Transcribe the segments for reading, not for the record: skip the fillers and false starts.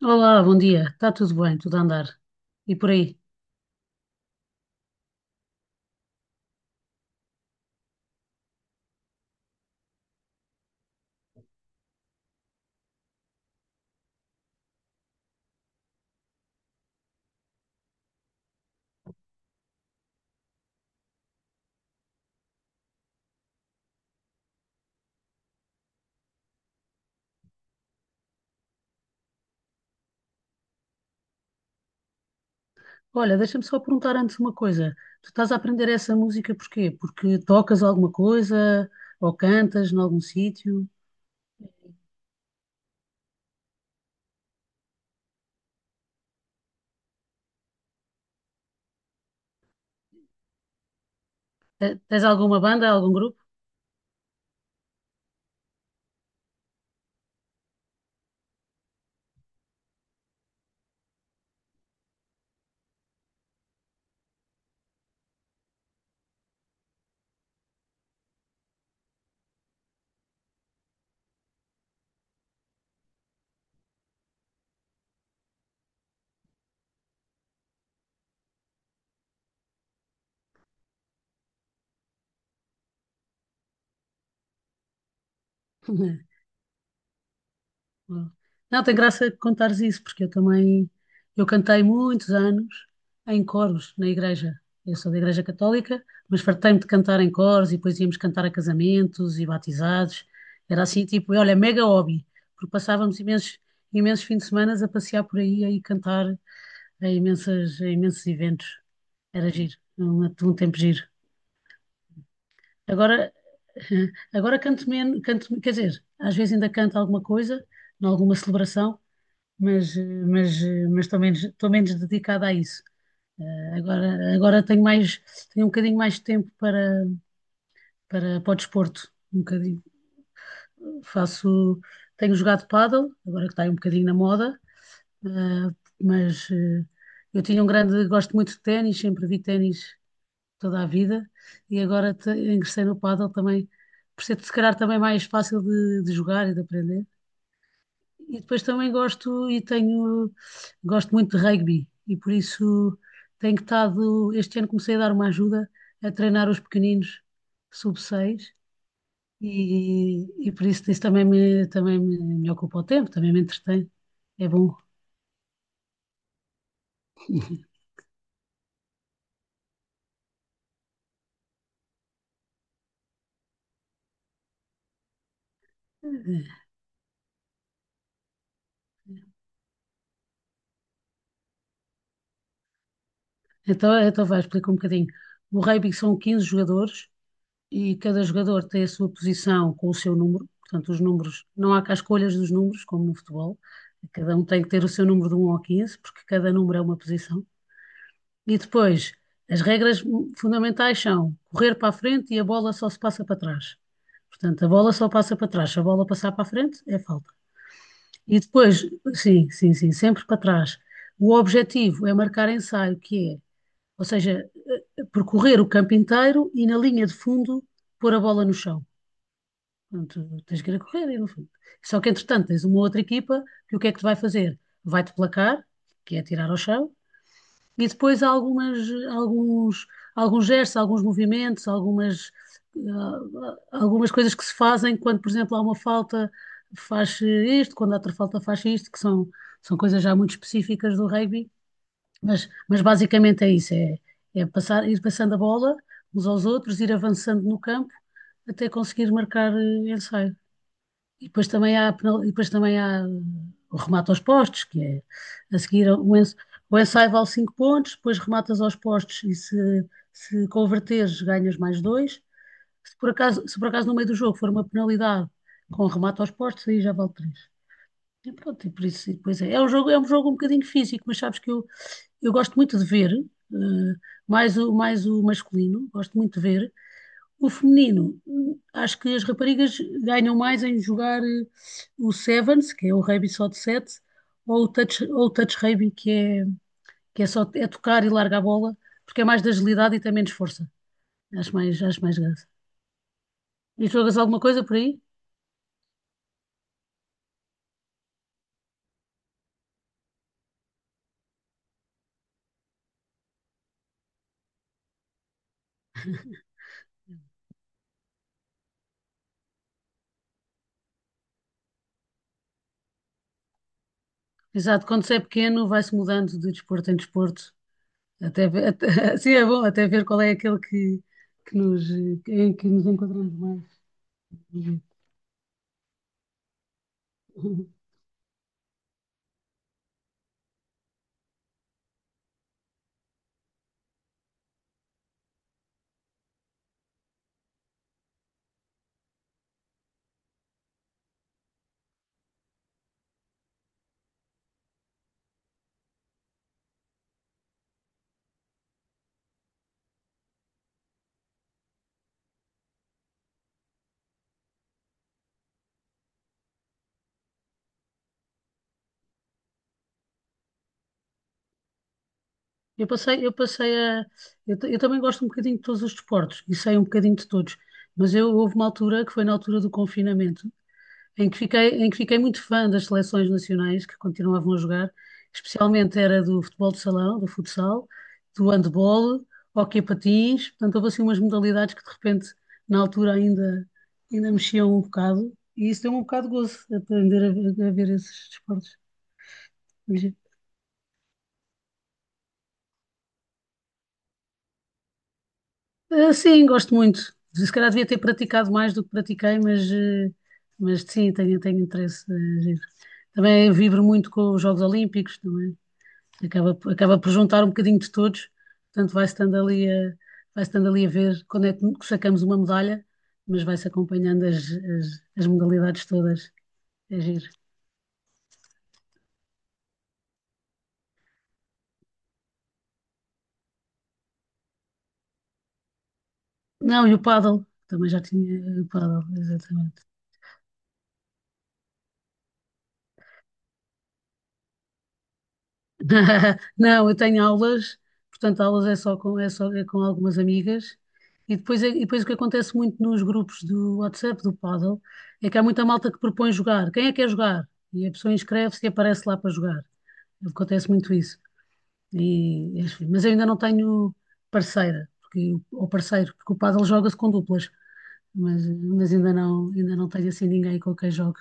Olá, bom dia. Está tudo bem, tudo a andar. E por aí? Olha, deixa-me só perguntar antes uma coisa. Tu estás a aprender essa música porquê? Porque tocas alguma coisa ou cantas em algum sítio? Tens alguma banda, algum grupo? Boa. Não, tem graça contares isso, porque eu também, eu cantei muitos anos em coros na igreja. Eu sou da Igreja Católica, mas fartei-me de cantar em coros e depois íamos cantar a casamentos e batizados. Era assim, tipo, olha, mega hobby, porque passávamos imensos, imensos fins de semana a passear por aí e cantar em imensos eventos. Era giro, um tempo giro. Agora, agora canto menos, canto, quer dizer, às vezes ainda canto alguma coisa, em alguma celebração, mas estou menos dedicada a isso. Agora, tenho mais, tenho um bocadinho mais de tempo para o desporto. Um bocadinho. Faço, tenho jogado pádel, agora que está aí um bocadinho na moda, eh, mas eu tinha um grande, gosto muito de ténis, sempre vi ténis toda a vida e agora ingressei no pádel também, por ser se calhar também mais fácil de jogar e de aprender. E depois também gosto e tenho, gosto muito de rugby e por isso este ano comecei a dar uma ajuda a treinar os pequeninos sub 6 e por isso isso também me ocupa o tempo, também me entretém, é bom. É. Então, explica um bocadinho. O rugby são 15 jogadores e cada jogador tem a sua posição com o seu número, portanto, os números, não há cá escolhas dos números, como no futebol, cada um tem que ter o seu número de 1 ao 15 porque cada número é uma posição. E depois, as regras fundamentais são correr para a frente e a bola só se passa para trás. Portanto, a bola só passa para trás, se a bola passar para a frente, é falta. E depois, sim, sim, sim, sempre para trás. O objetivo é marcar ensaio, ou seja, percorrer o campo inteiro e na linha de fundo pôr a bola no chão. Pronto, tens que ir a correr, e no fundo. Só que, entretanto, tens uma outra equipa que o que é que te vai fazer? Vai-te placar, que é tirar ao chão, e depois há algumas, alguns, alguns gestos, alguns movimentos, algumas coisas que se fazem quando, por exemplo, há uma falta, faz isto, quando há outra falta, faz isto, que são coisas já muito específicas do rugby, mas basicamente é isso, é passar, ir passando a bola uns aos outros, ir avançando no campo até conseguir marcar ensaio. E depois também há o remate aos postos, que é a seguir o ensaio vale 5 pontos, depois rematas aos postos e se converteres ganhas mais dois. Se por acaso, no meio do jogo for uma penalidade com remate aos postos, aí já vale 3. E pronto, e por isso, e depois é. É um jogo um bocadinho físico, mas sabes que eu gosto muito de ver, mais o masculino, gosto muito de ver, o feminino, acho que as raparigas ganham mais em jogar o Sevens, que é o rugby só de sete, ou o touch rugby, que é só é tocar e largar a bola, porque é mais de agilidade e tem menos força. Acho mais graça. E jogas alguma coisa por aí? Exato, quando se é pequeno vai-se mudando de desporto em desporto, até sim, é bom, até ver qual é aquele em que nos enquadramos mais. Eu passei a. Eu também gosto um bocadinho de todos os desportos e sei um bocadinho de todos, mas eu houve uma altura que foi na altura do confinamento, em que fiquei muito fã das seleções nacionais que continuavam a jogar, especialmente era do futebol de salão, do futsal, do handball, hóquei a patins, portanto houve assim umas modalidades que de repente na altura ainda mexiam um bocado e isso deu-me um bocado de gozo aprender a ver esses desportos. Sim, gosto muito. Se calhar devia ter praticado mais do que pratiquei, mas sim, tenho interesse. Giro. Também vibro muito com os Jogos Olímpicos, também. Acaba por juntar um bocadinho de todos, portanto vai estando ali a ver quando é que sacamos uma medalha, mas vai-se acompanhando as modalidades todas. É giro. Não, e o pádel, também já tinha o pádel, exatamente. Não, eu tenho aulas, portanto, aulas é só com algumas amigas. E depois, o que acontece muito nos grupos do WhatsApp, do Paddle, é que há muita malta que propõe jogar. Quem é que quer jogar? E a pessoa inscreve-se e aparece lá para jogar. Acontece muito isso. E, enfim, mas eu ainda não tenho parceira, porque, ou parceiro, porque o Paddle joga-se com duplas. Mas ainda não tenho assim ninguém com quem jogue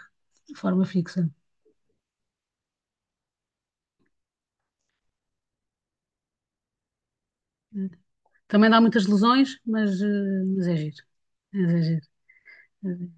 de forma fixa. Também dá muitas lesões, mas é giro. Mas é giro. É giro.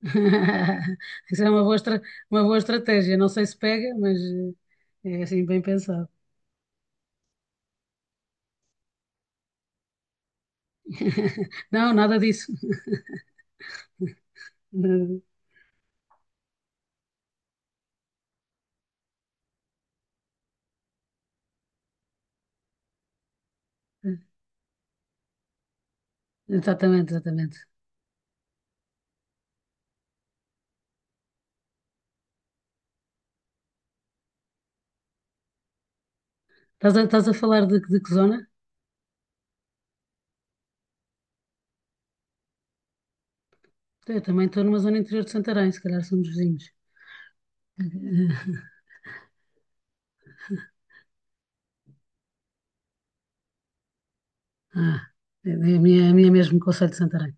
Isso é uma boa, uma boa estratégia. Não sei se pega, mas é assim bem pensado. Não, nada disso. Nada. Exatamente, exatamente. Estás a falar de que zona? Eu também estou numa zona interior de Santarém, se calhar somos vizinhos. Ah, é a minha mesmo, Conselho de Santarém.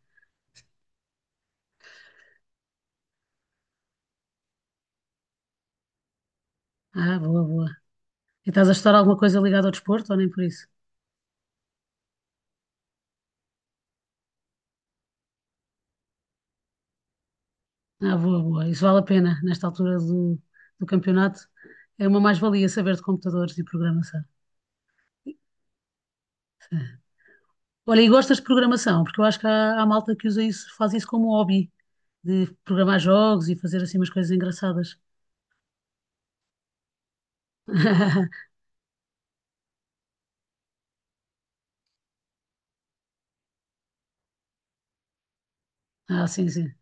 Ah, boa, boa. E estás a estudar alguma coisa ligada ao desporto ou nem por isso? Ah, boa, boa. Isso vale a pena nesta altura do campeonato. É uma mais-valia saber de computadores e programação. Sim. Olha, e gostas de programação? Porque eu acho que há malta que usa isso, faz isso como um hobby, de programar jogos e fazer assim umas coisas engraçadas. Ah, sim, sim.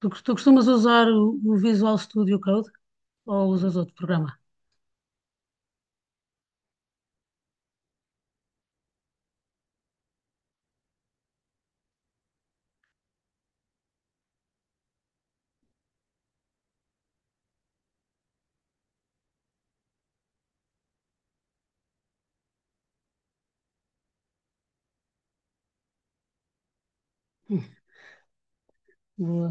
Tu costumas usar o Visual Studio Code ou usas outro programa? Boa.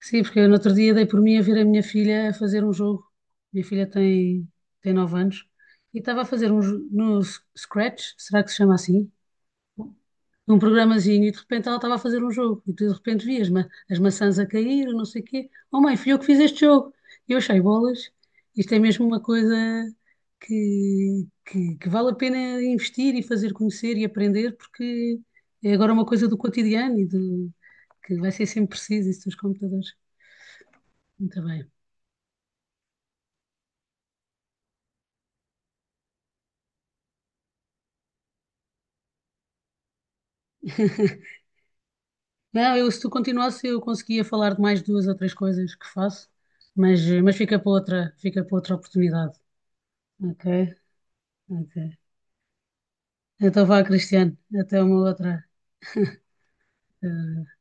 Sim, porque eu no outro dia dei por mim a ver a minha filha a fazer um jogo. Minha filha tem, 9 anos e estava a fazer um no Scratch, será que se chama assim? Um programazinho e de repente ela estava a fazer um jogo e tu de repente vias ma as maçãs a cair, não sei o quê. Oh mãe, fui eu que fiz este jogo. E eu achei bolas. Isto é mesmo uma coisa que vale a pena investir e fazer conhecer e aprender porque é agora uma coisa do cotidiano e do que vai ser sempre preciso isso dos computadores. Muito bem. Não, se tu continuasse, eu conseguia falar de mais duas ou três coisas que faço, mas fica para outra oportunidade. Ok? Ok. Então vá, Cristiano, até uma outra. eh,